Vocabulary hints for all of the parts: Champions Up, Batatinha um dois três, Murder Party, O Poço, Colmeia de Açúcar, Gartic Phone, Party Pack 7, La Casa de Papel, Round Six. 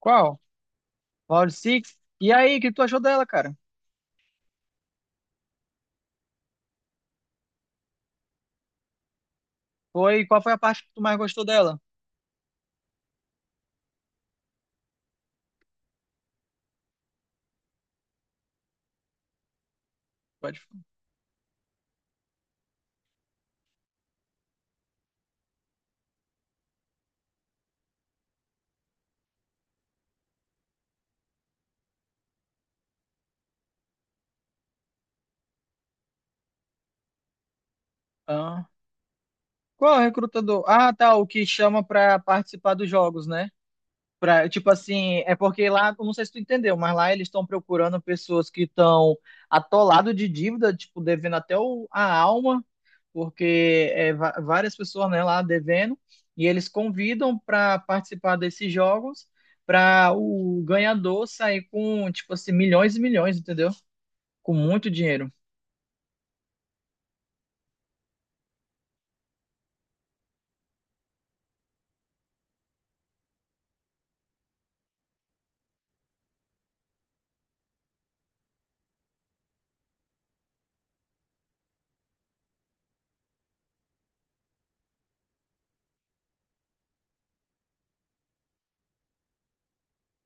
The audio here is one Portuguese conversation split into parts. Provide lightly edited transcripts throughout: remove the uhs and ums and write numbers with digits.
Qual? Round Six? E aí, o que tu achou dela, cara? Qual foi a parte que tu mais gostou dela? Pode falar. Ah. Qual é o recrutador? Ah, tá, o que chama pra participar dos jogos, né? Tipo assim, é porque lá, eu não sei se tu entendeu, mas lá eles estão procurando pessoas que estão atolado de dívida, tipo, devendo até a alma, porque várias pessoas, né, lá devendo, e eles convidam para participar desses jogos para o ganhador sair com, tipo assim, milhões e milhões, entendeu? Com muito dinheiro.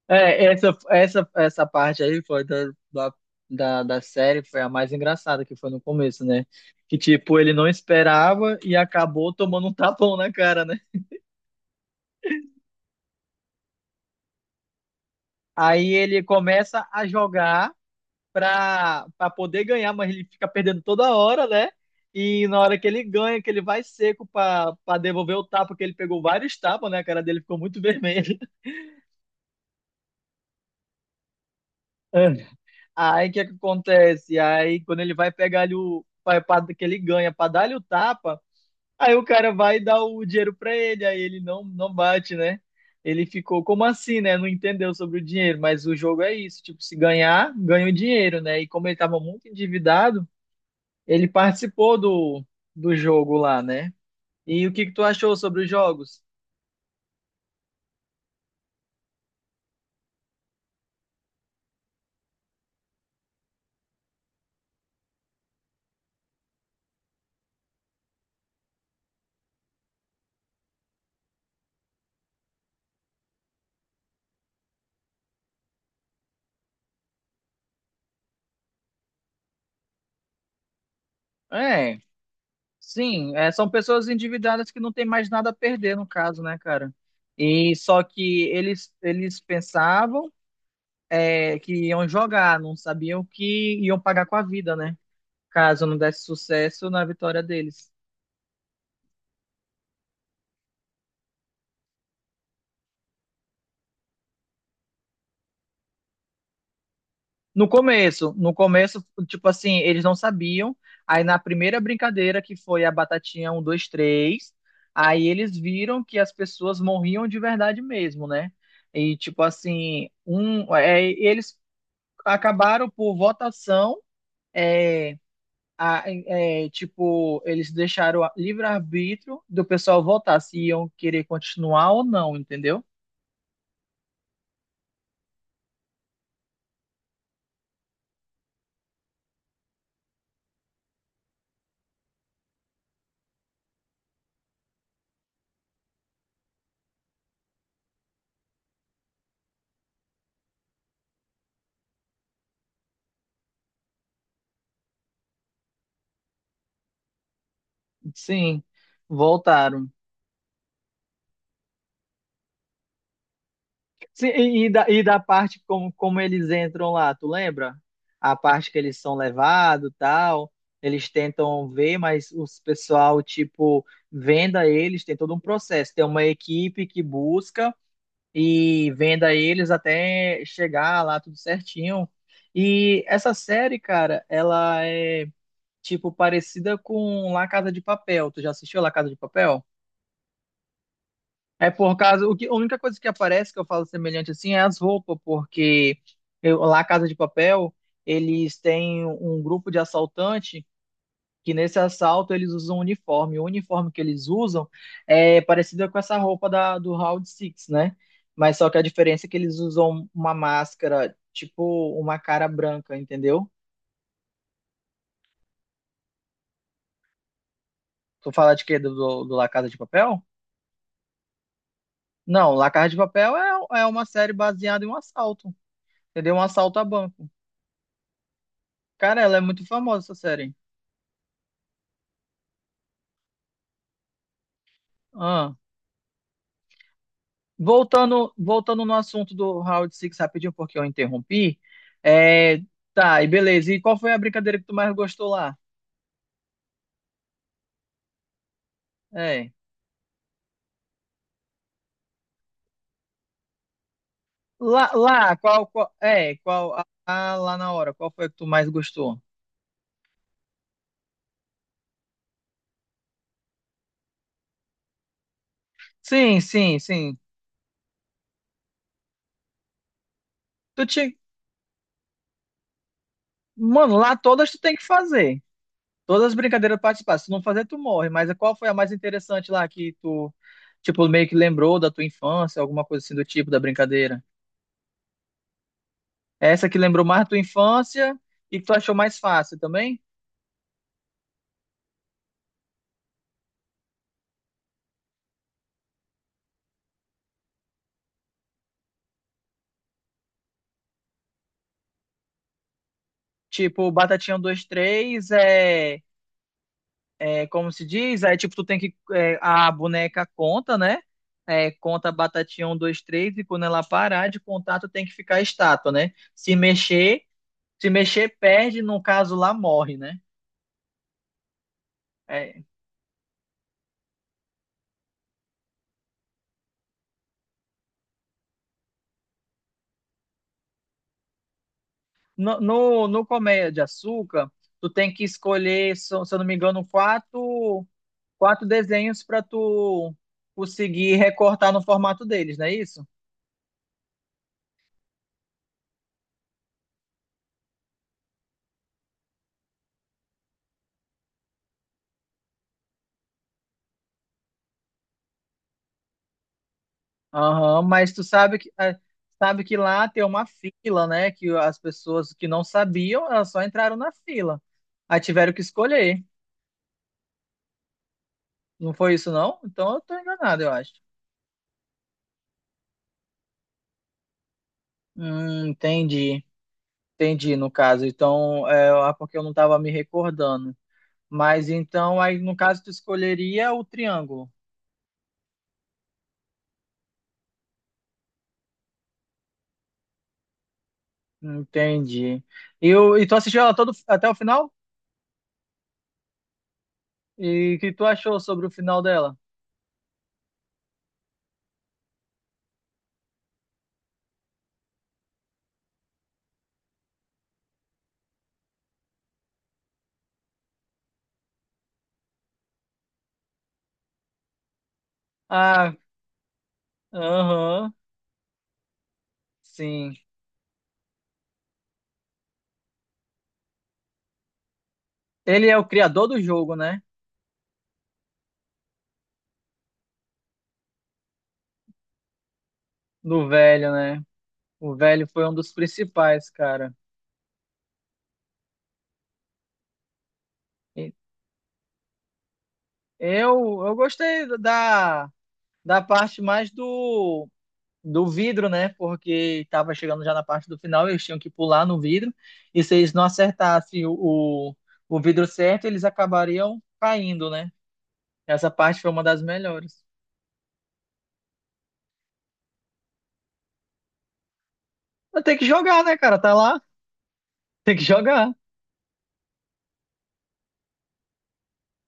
É, essa parte aí foi da, da série foi a mais engraçada, que foi no começo, né? Que, tipo, ele não esperava e acabou tomando um tapão na cara, né? Aí ele começa a jogar para poder ganhar, mas ele fica perdendo toda hora, né? E na hora que ele ganha, que ele vai seco para pra devolver o tapa, que ele pegou vários tapas, né? A cara dele ficou muito vermelha. Aí o que que acontece? Aí quando ele vai pegar ali o. Que ele ganha para dar-lhe o tapa, aí o cara vai dar o dinheiro para ele, aí ele não bate, né? Ele ficou, como assim, né? Não entendeu sobre o dinheiro, mas o jogo é isso. Tipo, se ganhar, ganha o dinheiro, né? E como ele estava muito endividado. Ele participou do jogo lá, né? E o que que tu achou sobre os jogos? É, sim, são pessoas endividadas que não tem mais nada a perder, no caso, né, cara? E só que eles pensavam que iam jogar, não sabiam que iam pagar com a vida, né? Caso não desse sucesso na vitória deles. No começo, no começo, tipo assim, eles não sabiam. Aí na primeira brincadeira, que foi a batatinha um, dois, três, aí eles viram que as pessoas morriam de verdade mesmo, né? E tipo assim, eles acabaram por votação, é, tipo, eles deixaram livre-arbítrio do pessoal votar se iam querer continuar ou não, entendeu? Sim, voltaram. Sim, e da parte como eles entram lá, tu lembra? A parte que eles são levados, tal, eles tentam ver, mas os pessoal, tipo, venda eles, tem todo um processo. Tem uma equipe que busca e venda eles até chegar lá tudo certinho. E essa série, cara, ela é, tipo, parecida com La Casa de Papel. Tu já assistiu La Casa de Papel? É por causa, o que, a única coisa que aparece que eu falo semelhante assim é as roupas, porque lá Casa de Papel, eles têm um grupo de assaltante que nesse assalto eles usam um uniforme. O uniforme que eles usam é parecido com essa roupa do Round Six, né? Mas só que a diferença é que eles usam uma máscara, tipo uma cara branca, entendeu? Tu fala de quê? Do La Casa de Papel? Não, La Casa de Papel é uma série baseada em um assalto, entendeu? Um assalto a banco. Cara, ela é muito famosa essa série. Ah, voltando no assunto do Round Six rapidinho, porque eu interrompi. É, tá, e beleza. E qual foi a brincadeira que tu mais gostou lá? É. Lá, qual, lá na hora, qual foi a que tu mais gostou? Sim, sim, sim. Tu tinha, mano, lá todas tu tem que fazer. Todas as brincadeiras participar. Se tu não fazer, tu morre. Mas qual foi a mais interessante lá que tu, tipo, meio que lembrou da tua infância, alguma coisa assim do tipo da brincadeira? Essa que lembrou mais da tua infância e que tu achou mais fácil também? Tipo, Batatinha um dois três é como se diz? É tipo, tu tem que. A boneca conta, né? É, conta Batatinha um dois três e quando ela parar de contar, tu tem que ficar estátua, né? Se mexer, perde, no caso lá, morre, né? É, no Colmeia de Açúcar, tu tem que escolher, se eu não me engano, Quatro. Desenhos para tu conseguir recortar no formato deles, não é isso? Aham, mas tu sabe que lá tem uma fila, né? Que as pessoas que não sabiam, elas só entraram na fila. Aí tiveram que escolher. Não foi isso, não? Então eu tô enganado, eu acho. Entendi. Entendi, no caso. Então, porque eu não tava me recordando. Mas então, aí no caso, tu escolheria o triângulo. Entendi. E tu assistiu ela todo, até o final? E o que tu achou sobre o final dela? Ah, aham, sim. Ele é o criador do jogo, né? Do velho, né? O velho foi um dos principais, cara. E eu gostei da parte mais do vidro, né? Porque tava chegando já na parte do final, eles tinham que pular no vidro. E se eles não acertassem o vidro certo, eles acabariam caindo, né? Essa parte foi uma das melhores. Mas tem que jogar, né, cara? Tá lá, tem que jogar.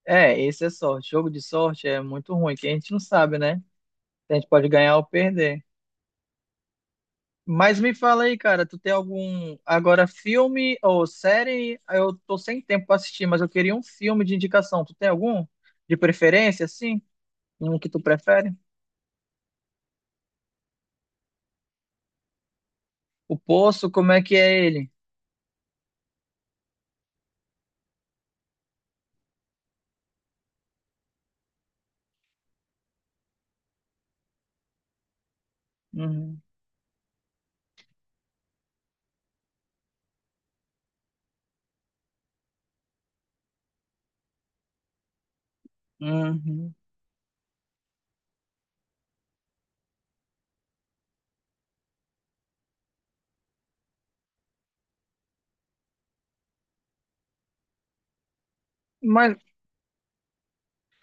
É, esse é sorte. Jogo de sorte é muito ruim, que a gente não sabe, né? A gente pode ganhar ou perder. Mas me fala aí, cara, tu tem algum agora filme ou série? Eu tô sem tempo pra assistir, mas eu queria um filme de indicação. Tu tem algum de preferência, assim? Um que tu prefere? O Poço, como é que é ele? Uhum, uhum. Mas,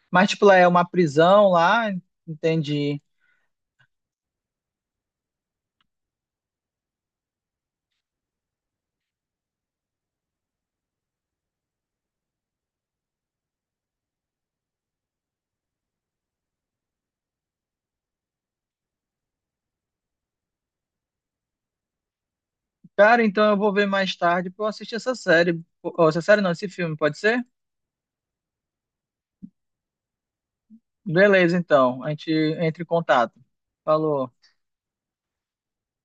mas tipo, lá é uma prisão lá, entendi. Cara, então eu vou ver mais tarde pra eu assistir essa série. Ou essa série não, esse filme, pode ser? Beleza, então. A gente entra em contato. Falou.